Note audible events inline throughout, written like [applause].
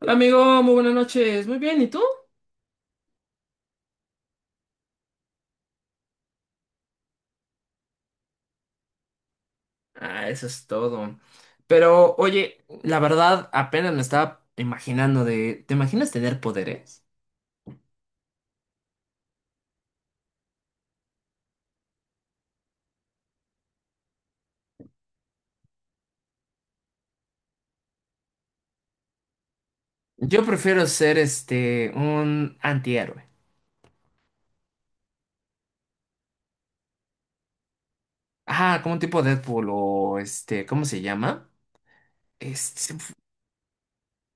Hola amigo, muy buenas noches. Muy bien, ¿y tú? Ah, eso es todo. Pero oye, la verdad apenas me estaba imaginando de... ¿Te imaginas tener poderes? Yo prefiero ser un antihéroe. Ajá, como un tipo Deadpool o ¿cómo se llama? Este, se me fu-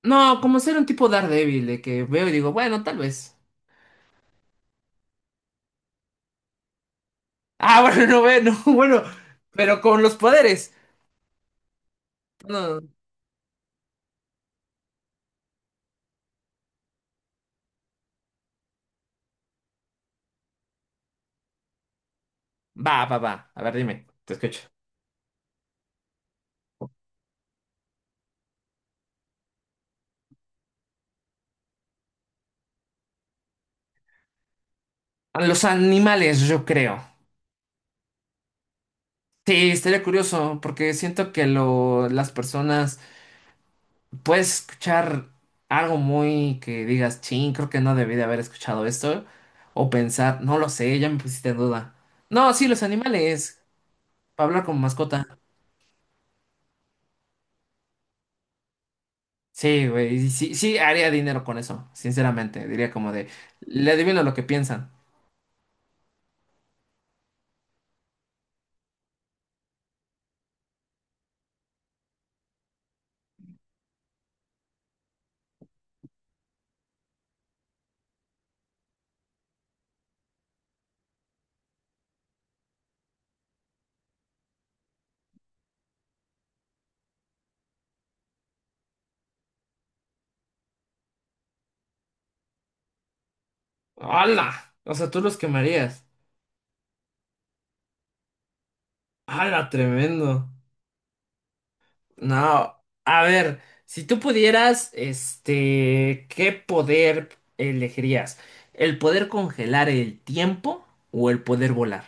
no, como ser un tipo Daredevil de que veo y digo, bueno, tal vez. Ah, [laughs] bueno, no ve, no, [laughs] bueno, pero con los poderes. No, va, va, va. A ver, dime, te escucho. A los animales, yo creo. Sí, estaría curioso, porque siento que las personas puedes escuchar algo muy que digas, ching, creo que no debí de haber escuchado esto, o pensar, no lo sé, ya me pusiste en duda. No, sí, los animales, para hablar con mascota. Sí, güey, y sí, sí, haría dinero con eso, sinceramente, diría como de, le adivino lo que piensan. ¡Hala! O sea, tú los quemarías. ¡Hala, tremendo! No, a ver, si tú pudieras, ¿qué poder elegirías? ¿El poder congelar el tiempo o el poder volar?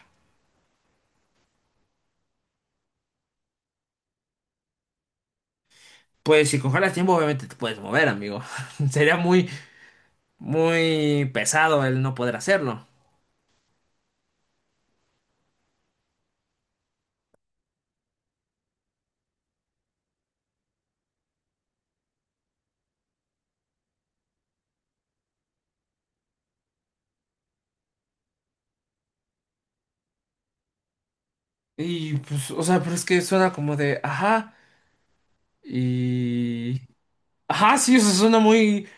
Pues si congelas tiempo, obviamente te puedes mover, amigo. [laughs] Sería muy pesado el no poder hacerlo. Y pues, o sea, pero es que suena como de, ajá, y... Ajá, sí, o sea, suena muy...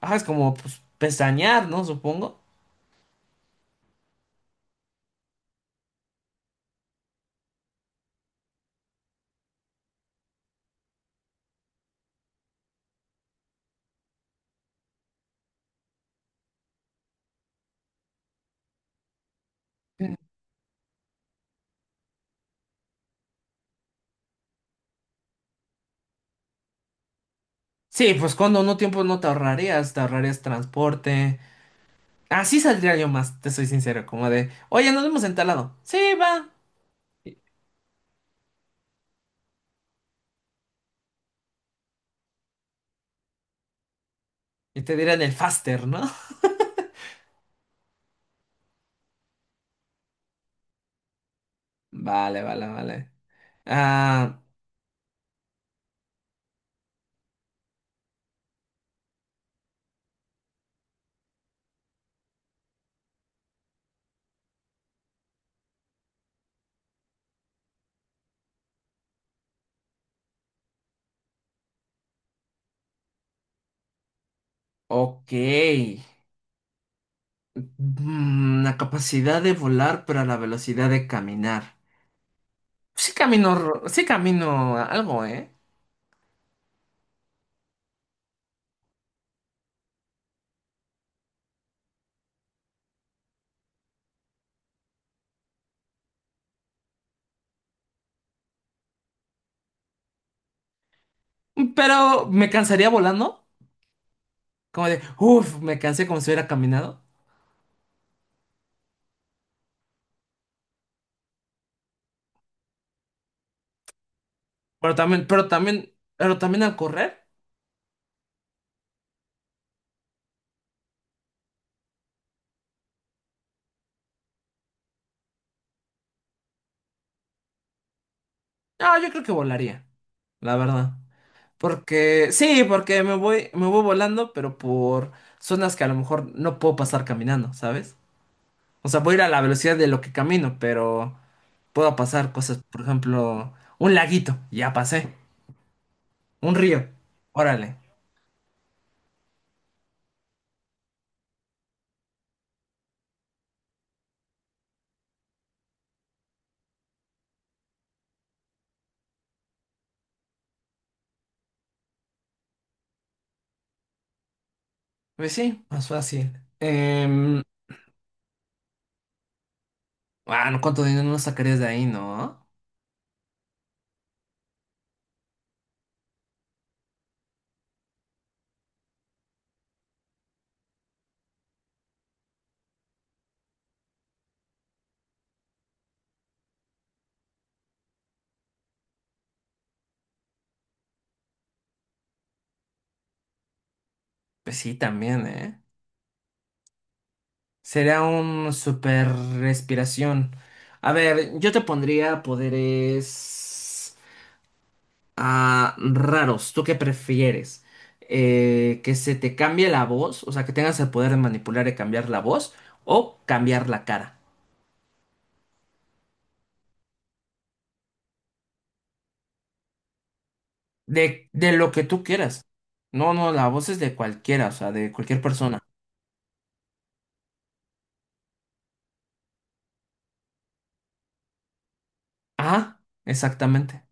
Ajá, es como, pues, pestañear, ¿no? Supongo. Sí, pues cuando no tiempo no te ahorrarías, te ahorrarías transporte. Así saldría yo más, te soy sincero, como de, oye, nos vemos en tal lado. Sí, va. Y y te dirán el faster, ¿no? [laughs] Vale, vale, vale. Ah, ok. La capacidad de volar, pero a la velocidad de caminar. Sí camino, sí camino algo, ¿eh? Pero me cansaría volando. Como de, uff, me cansé como si hubiera caminado. Pero también al correr. No, yo creo que volaría, la verdad. Porque, sí, porque me voy volando, pero por zonas que a lo mejor no puedo pasar caminando, ¿sabes? O sea, voy a ir a la velocidad de lo que camino, pero puedo pasar cosas, por ejemplo, un laguito, ya pasé, un río, órale. Pues sí, más fácil. Em, bueno, ¿cuánto dinero no sacarías de ahí, no? Pues sí, también, ¿eh? Sería un super respiración. A ver, yo te pondría poderes a raros. ¿Tú qué prefieres? ¿Que se te cambie la voz? O sea, que tengas el poder de manipular y cambiar la voz o cambiar la cara. De lo que tú quieras. No, no, la voz es de cualquiera, o sea, de cualquier persona. Ajá, exactamente.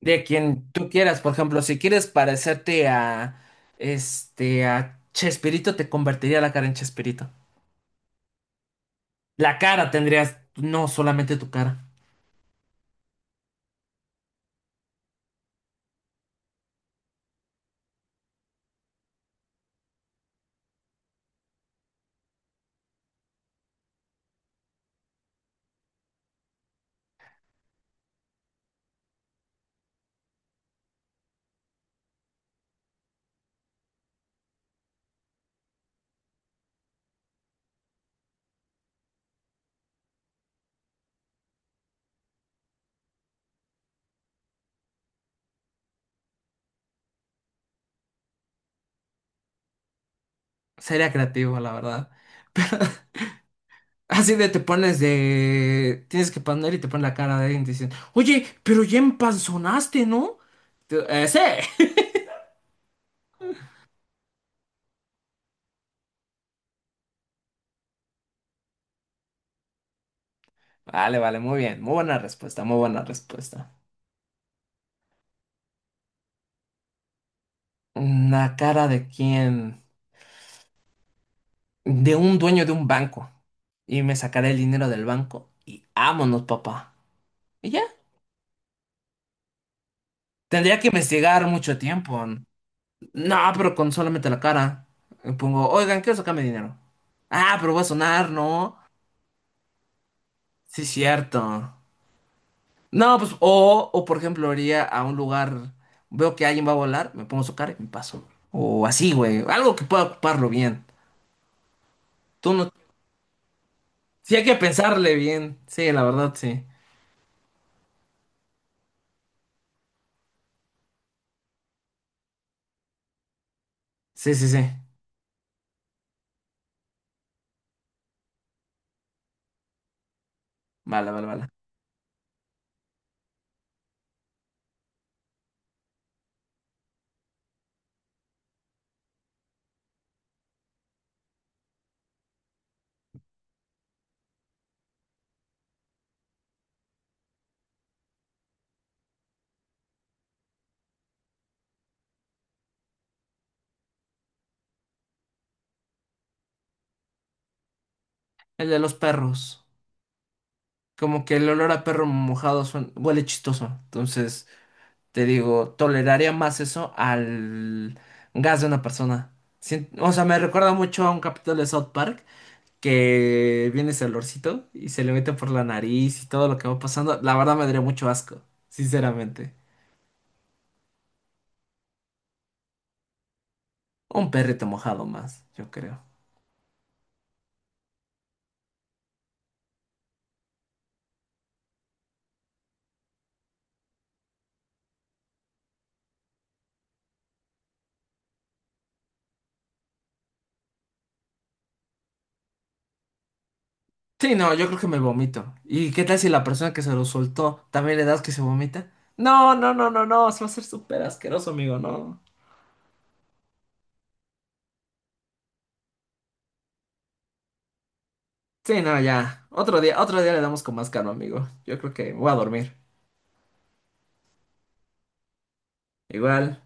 De quien tú quieras, por ejemplo, si quieres parecerte a a Chespirito, te convertiría la cara en Chespirito. La cara tendrías, no solamente tu cara. Sería creativo, la verdad. [laughs] Así de te pones de... Tienes que poner y te pones la cara de alguien y te dicen, oye, pero ya empanzonaste, ¿no? Tú, sí. [laughs] Vale, vale, muy bien. Muy buena respuesta, muy buena respuesta. ¿La cara de quién? De un dueño de un banco. Y me sacaré el dinero del banco y vámonos, papá. Y ya. Tendría que investigar mucho tiempo. No, pero con solamente la cara. Me pongo, oigan, quiero sacarme dinero. Ah, pero voy a sonar, ¿no? Sí, cierto. No, pues, o por ejemplo, iría a un lugar, veo que alguien va a volar, me pongo su cara y me paso. O así, güey. Algo que pueda ocuparlo bien. Tú no. Sí, hay que pensarle bien. Sí, la verdad, sí. Sí, sí, sí. Vale, vale, vale. El de los perros. Como que el olor a perro mojado suena- huele chistoso. Entonces, te digo, toleraría más eso al gas de una persona. Sien- O sea, me recuerda mucho a un capítulo de South Park que viene ese olorcito y se le mete por la nariz y todo lo que va pasando, la verdad me daría mucho asco, sinceramente. Un perrito mojado más, yo creo. Sí, no, yo creo que me vomito. ¿Y qué tal si la persona que se lo soltó también le das que se vomita? No, no, no, no, no, se va a hacer súper asqueroso, amigo, no. Sí, no, ya. Otro día le damos con más calma, amigo. Yo creo que voy a dormir. Igual.